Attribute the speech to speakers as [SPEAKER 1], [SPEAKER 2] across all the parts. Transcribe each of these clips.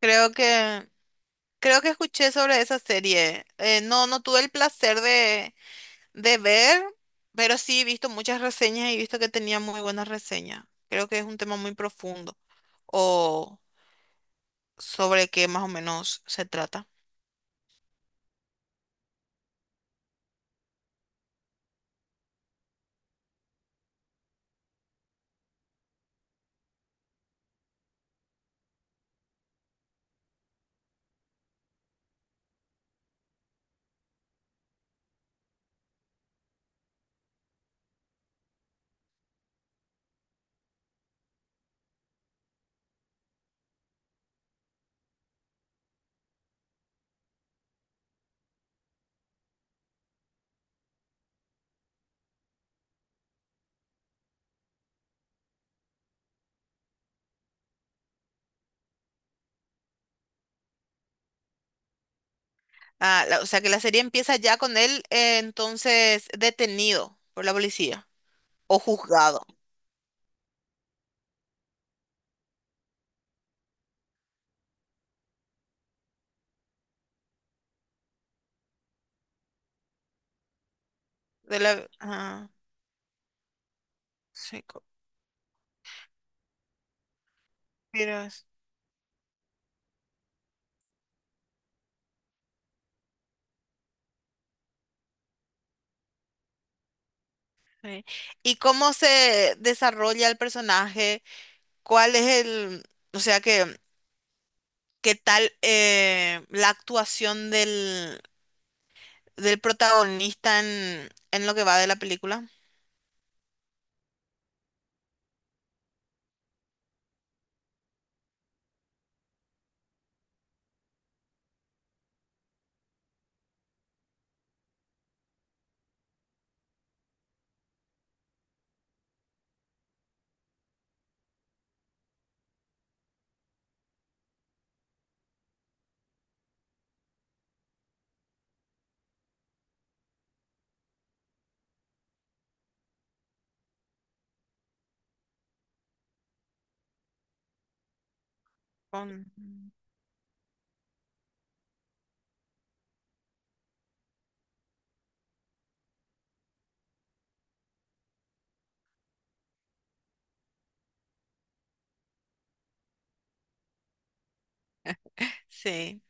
[SPEAKER 1] Creo que, creo que escuché sobre esa serie. No, no tuve el placer de ver, pero sí he visto muchas reseñas y he visto que tenía muy buenas reseñas. Creo que es un tema muy profundo o sobre qué más o menos se trata. Ah, la- o sea que la serie empieza ya con él entonces detenido por la policía o juzgado. De la, ah, sí, co- pero- es- sí. ¿Y cómo se desarrolla el personaje? ¿Cuál es el... O sea que qué tal la actuación del, del protagonista en lo que va de la película. Con- Sí,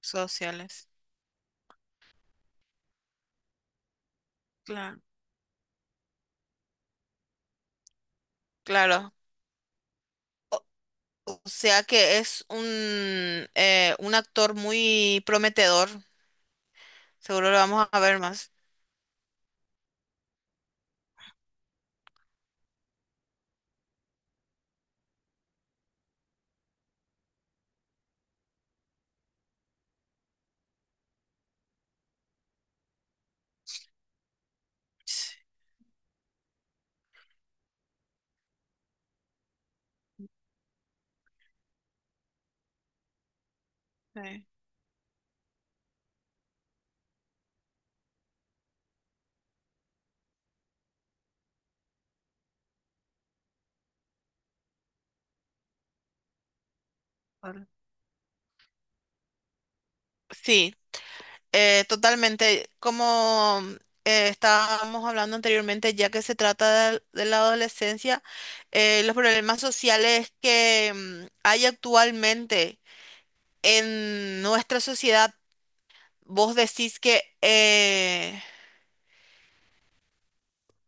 [SPEAKER 1] sociales. Claro. Claro. O sea que es un actor muy prometedor. Seguro lo vamos a ver más. Sí. Sí, claro. Sí, totalmente, como estábamos hablando anteriormente, ya que se trata de la adolescencia, los problemas sociales que hay actualmente en nuestra sociedad, vos decís que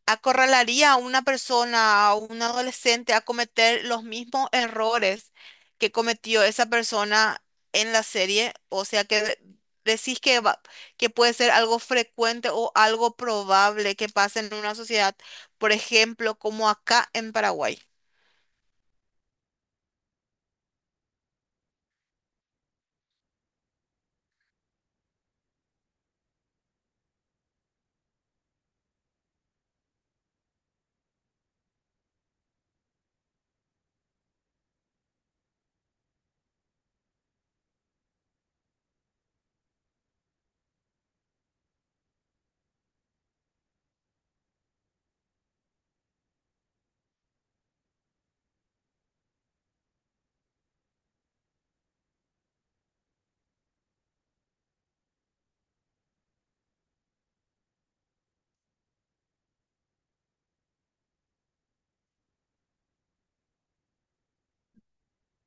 [SPEAKER 1] acorralaría a una persona, a un adolescente, a cometer los mismos errores que cometió esa persona en la serie. O sea que de- decís que va- que puede ser algo frecuente o algo probable que pase en una sociedad, por ejemplo, como acá en Paraguay.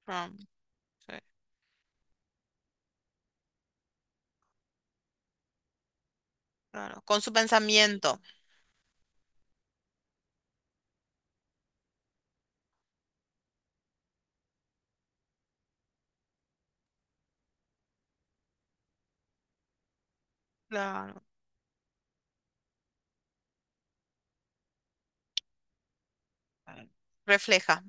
[SPEAKER 1] Ah, sí, claro, con su pensamiento, claro, refleja.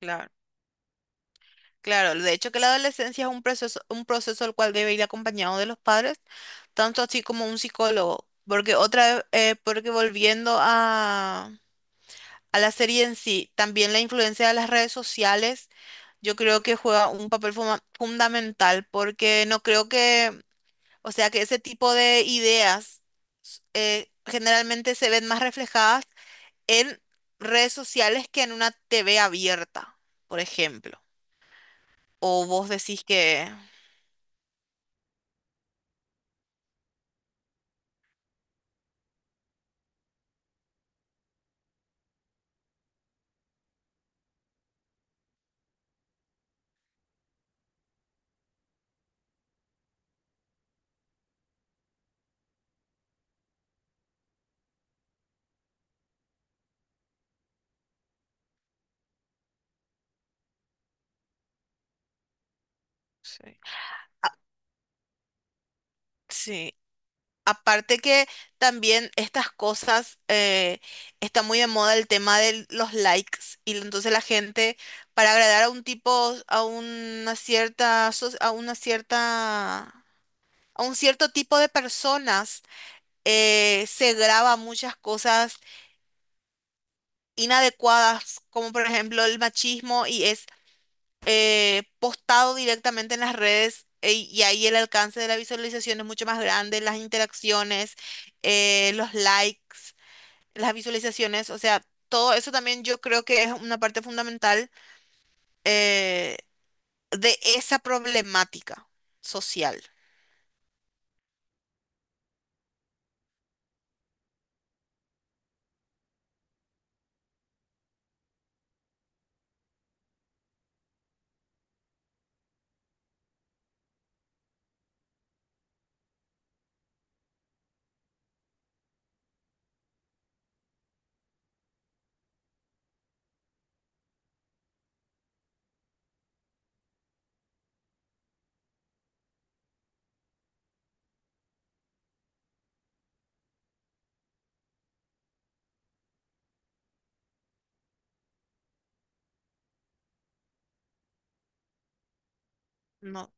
[SPEAKER 1] Claro. Claro, de hecho que la adolescencia es un proceso el cual debe ir acompañado de los padres, tanto así como un psicólogo, porque otra vez, porque volviendo a la serie en sí, también la influencia de las redes sociales, yo creo que juega un papel fuma- fundamental, porque no creo que, o sea, que ese tipo de ideas generalmente se ven más reflejadas en redes sociales que en una TV abierta, por ejemplo. O vos decís que... Sí. Sí. Aparte que también estas cosas está muy de moda el tema de los likes y entonces la gente para agradar a un tipo, a una cierta, so- a una cierta, a un cierto tipo de personas se graba muchas cosas inadecuadas como por ejemplo el machismo y es postado directamente en las redes e- y ahí el alcance de la visualización es mucho más grande, las interacciones, los likes, las visualizaciones, o sea, todo eso también yo creo que es una parte fundamental eh, de esa problemática social. ¿No?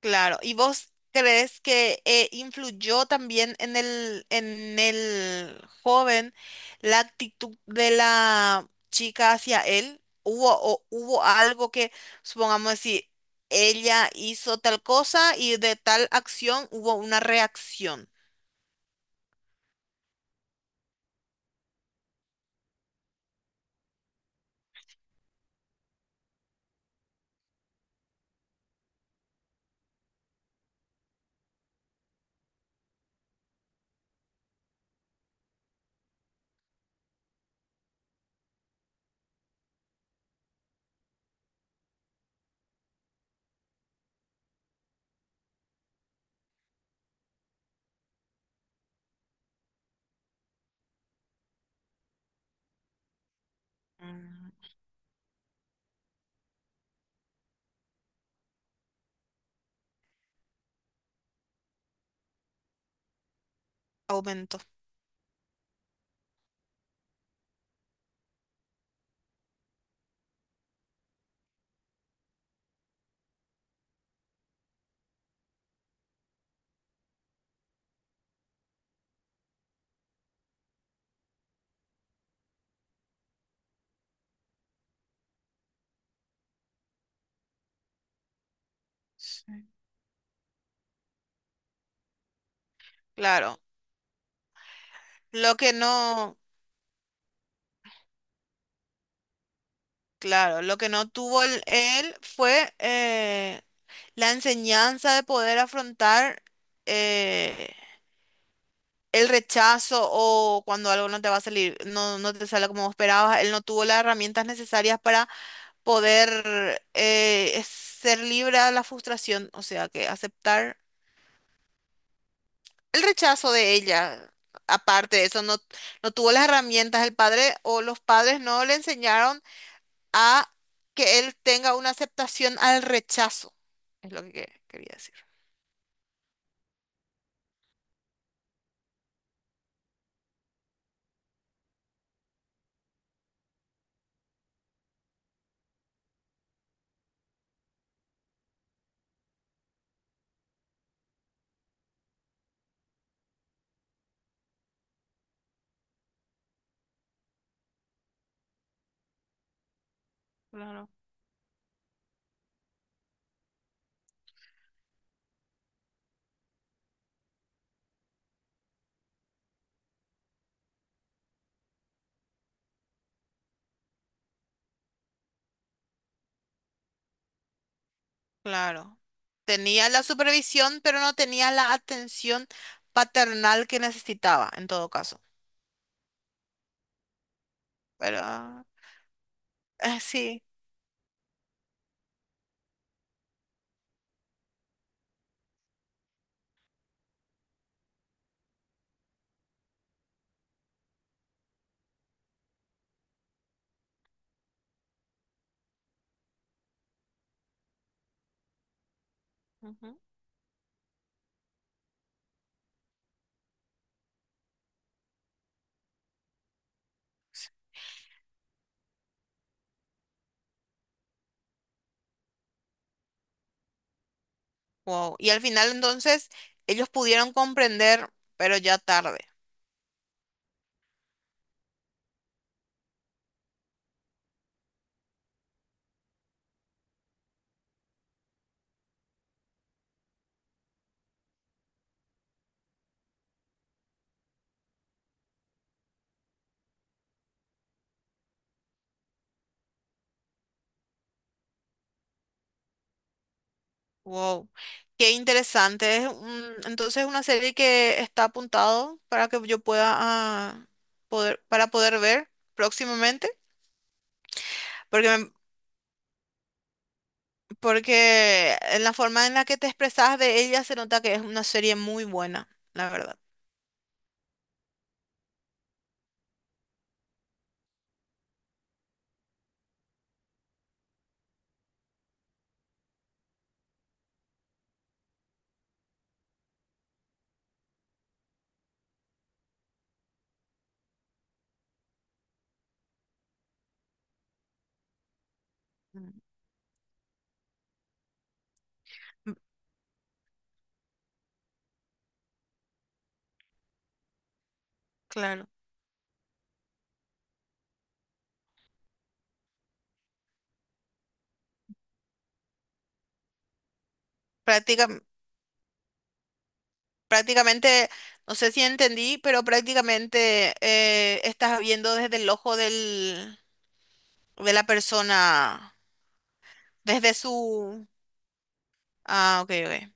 [SPEAKER 1] Claro, ¿y vos crees que influyó también en el joven la actitud de la chica hacia él? ¿Hubo, o, hubo algo que, supongamos, decir ella hizo tal cosa y de tal acción hubo una reacción? Aumento. Sí. Claro, lo que no, claro, lo que no tuvo el- él fue la enseñanza de poder afrontar eh, el rechazo o cuando algo no te va a salir, no, no te sale como vos esperabas, él no tuvo las herramientas necesarias para poder es- ser libre de la frustración, o sea, que aceptar el rechazo de ella. Aparte de eso, no, no tuvo las herramientas el padre o los padres no le enseñaron a que él tenga una aceptación al rechazo, es lo que quería decir. Claro. Claro. Tenía la supervisión, pero no tenía la atención paternal que necesitaba, en todo caso. Pero sí. Ujú. Wow. Y al final entonces ellos pudieron comprender, pero ya tarde. Wow. Qué interesante. Es un- entonces una serie que está apuntado para que yo pueda ah, poder, para poder ver próximamente. Porque, me- porque en la forma en la que te expresas de ella se nota que es una serie muy buena, la verdad. Mm, Claro, Práctica- prácticamente, no sé si entendí, pero prácticamente estás viendo desde el ojo del, de la persona, desde su... Ah, ok, ok.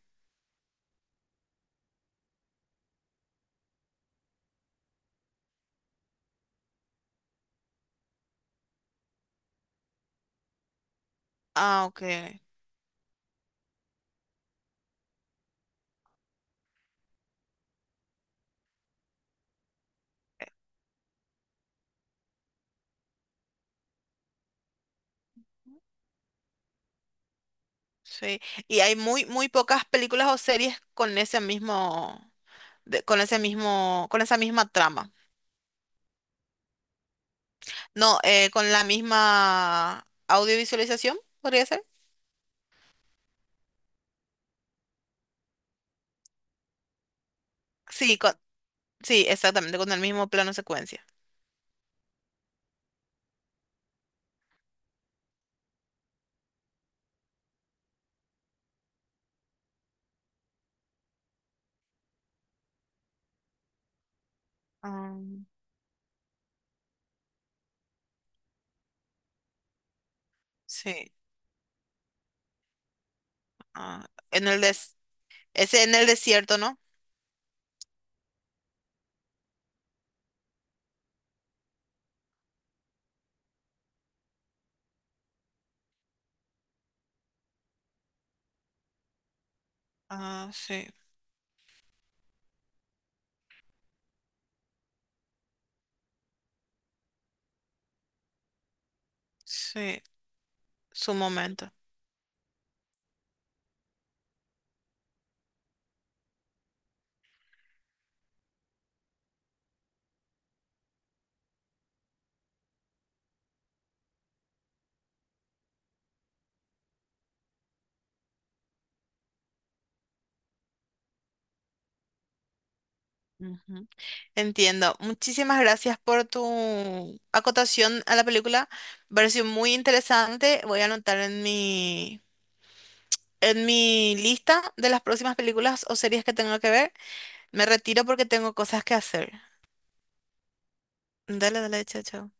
[SPEAKER 1] Ah, ok. Ok. Sí. Y hay muy, muy pocas películas o series con ese mismo, de- con ese mismo, con esa misma trama. No, con la misma audiovisualización, podría ser. Sí, con, sí, exactamente, con el mismo plano secuencia. Ah, sí. Ah, en el des es en el desierto, ¿no? Ah, sí, sí, su momento. Ujú. Entiendo. Muchísimas gracias por tu acotación a la película. Me pareció muy interesante. Voy a anotar en mi lista de las próximas películas o series que tengo que ver. Me retiro porque tengo cosas que hacer. Dale, dale, chao, chao.